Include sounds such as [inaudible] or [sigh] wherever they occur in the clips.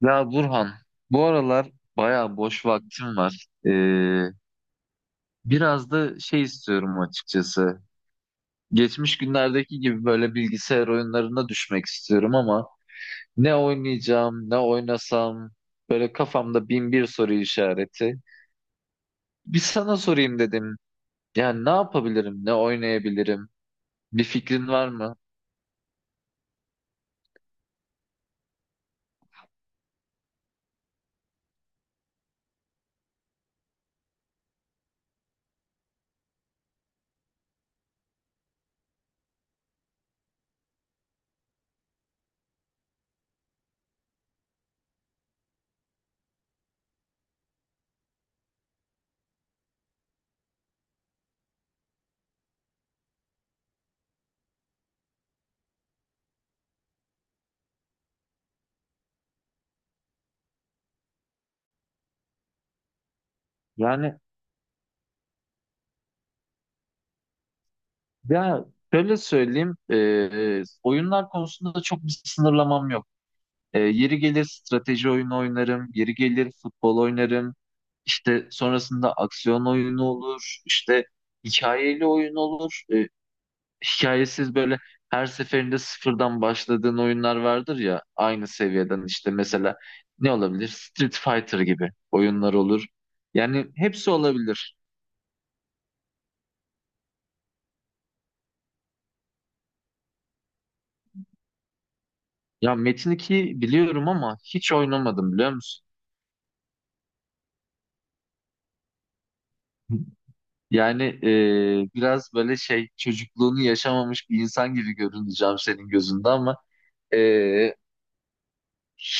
Ya Burhan, bu aralar bayağı boş vaktim var. Biraz da şey istiyorum açıkçası. Geçmiş günlerdeki gibi böyle bilgisayar oyunlarına düşmek istiyorum ama ne oynayacağım, ne oynasam böyle kafamda bin bir soru işareti. Bir sana sorayım dedim. Yani ne yapabilirim, ne oynayabilirim? Bir fikrin var mı? Yani ya şöyle söyleyeyim, oyunlar konusunda çok bir sınırlamam yok. Yeri gelir strateji oyunu oynarım, yeri gelir futbol oynarım. İşte sonrasında aksiyon oyunu olur, işte hikayeli oyun olur. Hikayesiz böyle her seferinde sıfırdan başladığın oyunlar vardır ya aynı seviyeden işte mesela ne olabilir? Street Fighter gibi oyunlar olur. Yani hepsi olabilir. Ya Metin 2'yi biliyorum ama hiç oynamadım biliyor musun? Yani Biraz böyle şey çocukluğunu yaşamamış bir insan gibi görüneceğim senin gözünde ama e,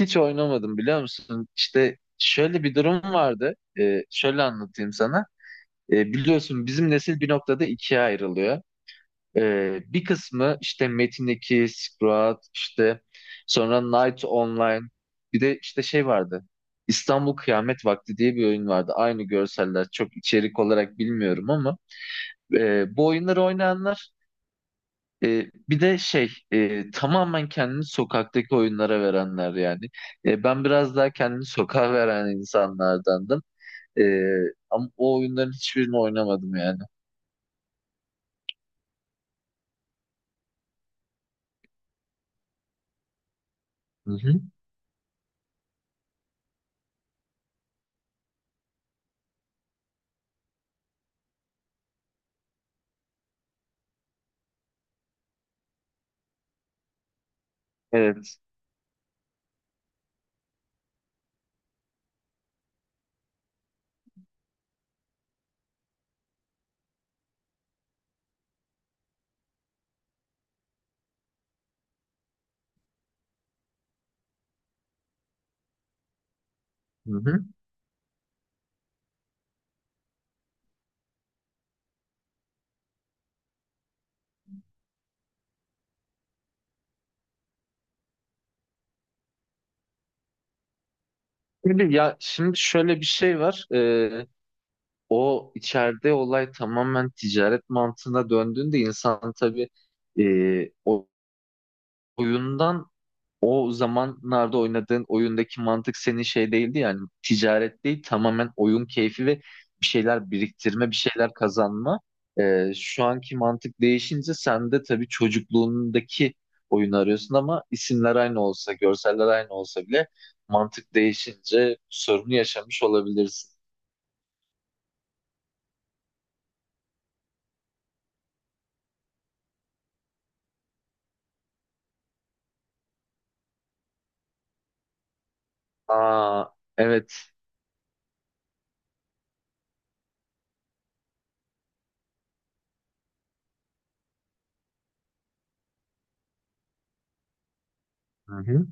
hiç oynamadım biliyor musun? İşte şöyle bir durum vardı. Şöyle anlatayım sana. Biliyorsun bizim nesil bir noktada ikiye ayrılıyor. Bir kısmı işte Metin 2, Sprat, işte sonra Night Online. Bir de işte şey vardı. İstanbul Kıyamet Vakti diye bir oyun vardı. Aynı görseller çok içerik olarak bilmiyorum ama bu oyunları oynayanlar bir de tamamen kendini sokaktaki oyunlara verenler yani. Ben biraz daha kendini sokağa [laughs] veren insanlardandım. E, Ama o oyunların hiçbirini oynamadım yani. Hı hı. Evet. Hı hı. Şimdi şöyle bir şey var. O içeride olay tamamen ticaret mantığına döndüğünde insan tabii o oyundan o zamanlarda oynadığın oyundaki mantık senin şey değildi yani ticaret değil tamamen oyun keyfi ve bir şeyler biriktirme bir şeyler kazanma. Şu anki mantık değişince sen de tabii çocukluğundaki oyunu arıyorsun ama isimler aynı olsa görseller aynı olsa bile mantık değişince sorunu yaşamış olabilirsin. Aa evet. Hı hı.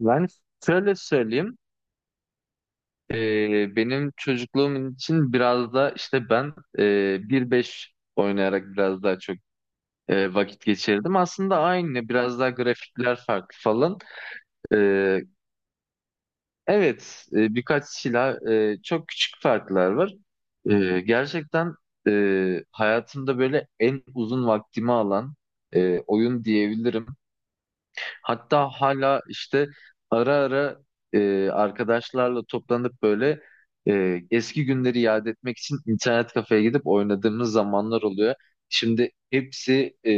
Ben şöyle söyleyeyim. Benim çocukluğum için biraz da işte 1-5 oynayarak biraz daha çok vakit geçirdim. Aslında aynı biraz daha grafikler farklı falan. Ee, evet birkaç silah çok küçük farklar var. Gerçekten hayatımda böyle en uzun vaktimi alan oyun diyebilirim. Hatta hala işte ara ara arkadaşlarla toplanıp böyle eski günleri yad etmek için internet kafeye gidip oynadığımız zamanlar oluyor. Şimdi hepsi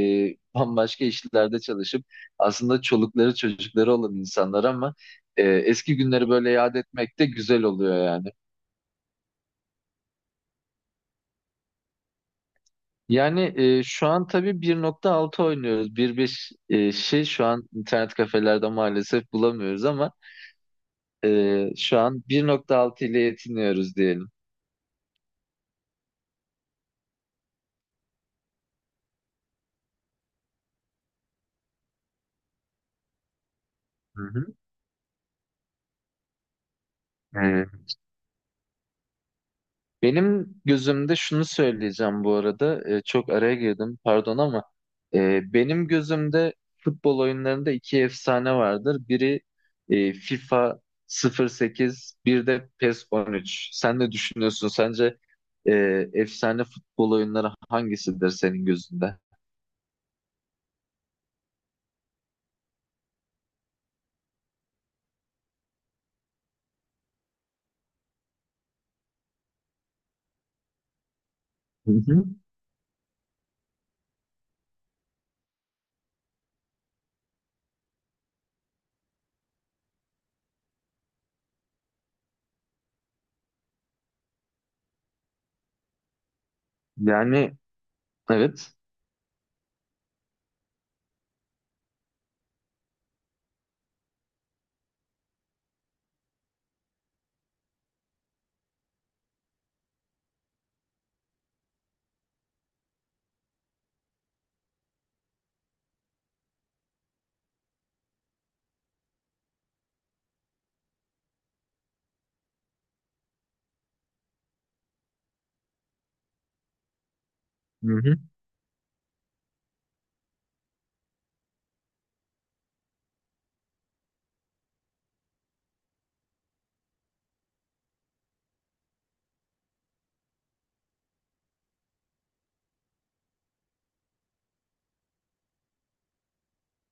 bambaşka işlerde çalışıp aslında çolukları çocukları olan insanlar ama eski günleri böyle yad etmek de güzel oluyor yani. Şu an tabii 1.6 oynuyoruz. 1.5 şu an internet kafelerde maalesef bulamıyoruz ama şu an 1.6 ile yetiniyoruz diyelim. Hı hı. Ee, Benim gözümde şunu söyleyeceğim bu arada. Çok araya girdim pardon ama benim gözümde futbol oyunlarında iki efsane vardır. Biri FIFA 08, bir de PES on üç. Sen ne düşünüyorsun? Sence e, efsane futbol oyunları hangisidir senin gözünde? Hı hı. Yani evet. Hı hı.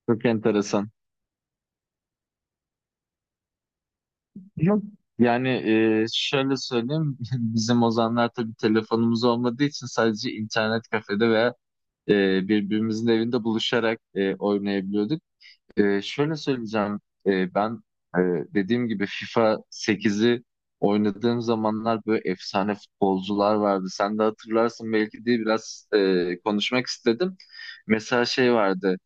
Çok enteresan. Yok. Yani Şöyle söyleyeyim, [laughs] bizim o zamanlar tabii telefonumuz olmadığı için sadece internet kafede veya birbirimizin evinde buluşarak oynayabiliyorduk. Şöyle söyleyeceğim. Ben e, dediğim gibi FIFA 8'i oynadığım zamanlar böyle efsane futbolcular vardı. Sen de hatırlarsın belki diye biraz konuşmak istedim. Mesela şey vardı.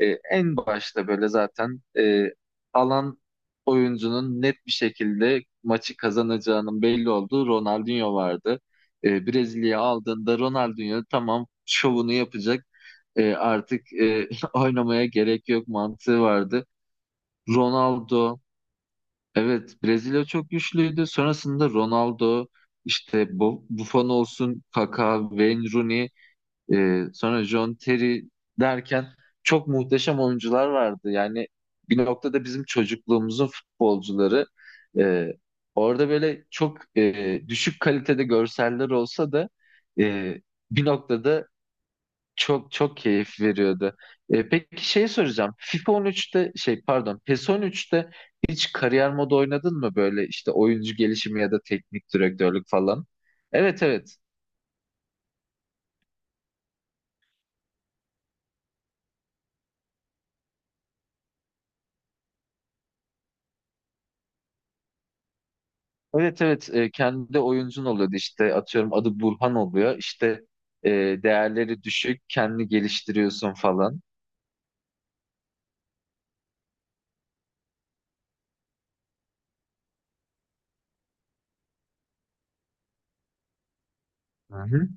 En başta böyle zaten alan oyuncunun net bir şekilde maçı kazanacağının belli olduğu Ronaldinho vardı. Brezilya'ya aldığında Ronaldinho tamam şovunu yapacak. Artık [laughs] oynamaya gerek yok mantığı vardı. Ronaldo, evet Brezilya çok güçlüydü. Sonrasında Ronaldo, işte Buffon olsun, Kaka, Wayne Rooney, sonra John Terry derken çok muhteşem oyuncular vardı. Yani bir noktada bizim çocukluğumuzun futbolcuları. E, Orada böyle çok düşük kalitede görseller olsa da e, bir noktada çok çok keyif veriyordu. Peki şey soracağım. FIFA 13'te şey pardon PES 13'te hiç kariyer modu oynadın mı böyle işte oyuncu gelişimi ya da teknik direktörlük falan? Evet evet. Evet evet. Kendi oyuncun oluyordu işte atıyorum adı Burhan oluyor işte e, değerleri düşük kendini geliştiriyorsun falan. Hı hı.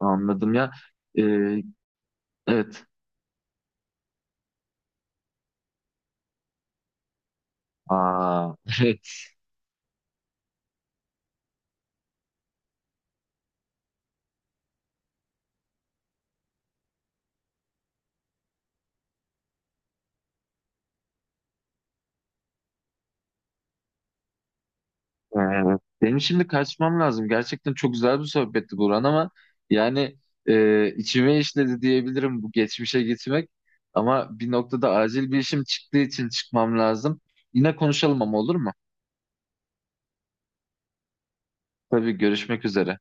Anladım ya. E, evet. Aa. [laughs] Ee, Benim şimdi kaçmam lazım. Gerçekten çok güzel bir sohbetti Burhan ama yani içime işledi diyebilirim bu geçmişe gitmek. Ama bir noktada acil bir işim çıktığı için çıkmam lazım. Yine konuşalım ama olur mu? Tabii görüşmek üzere.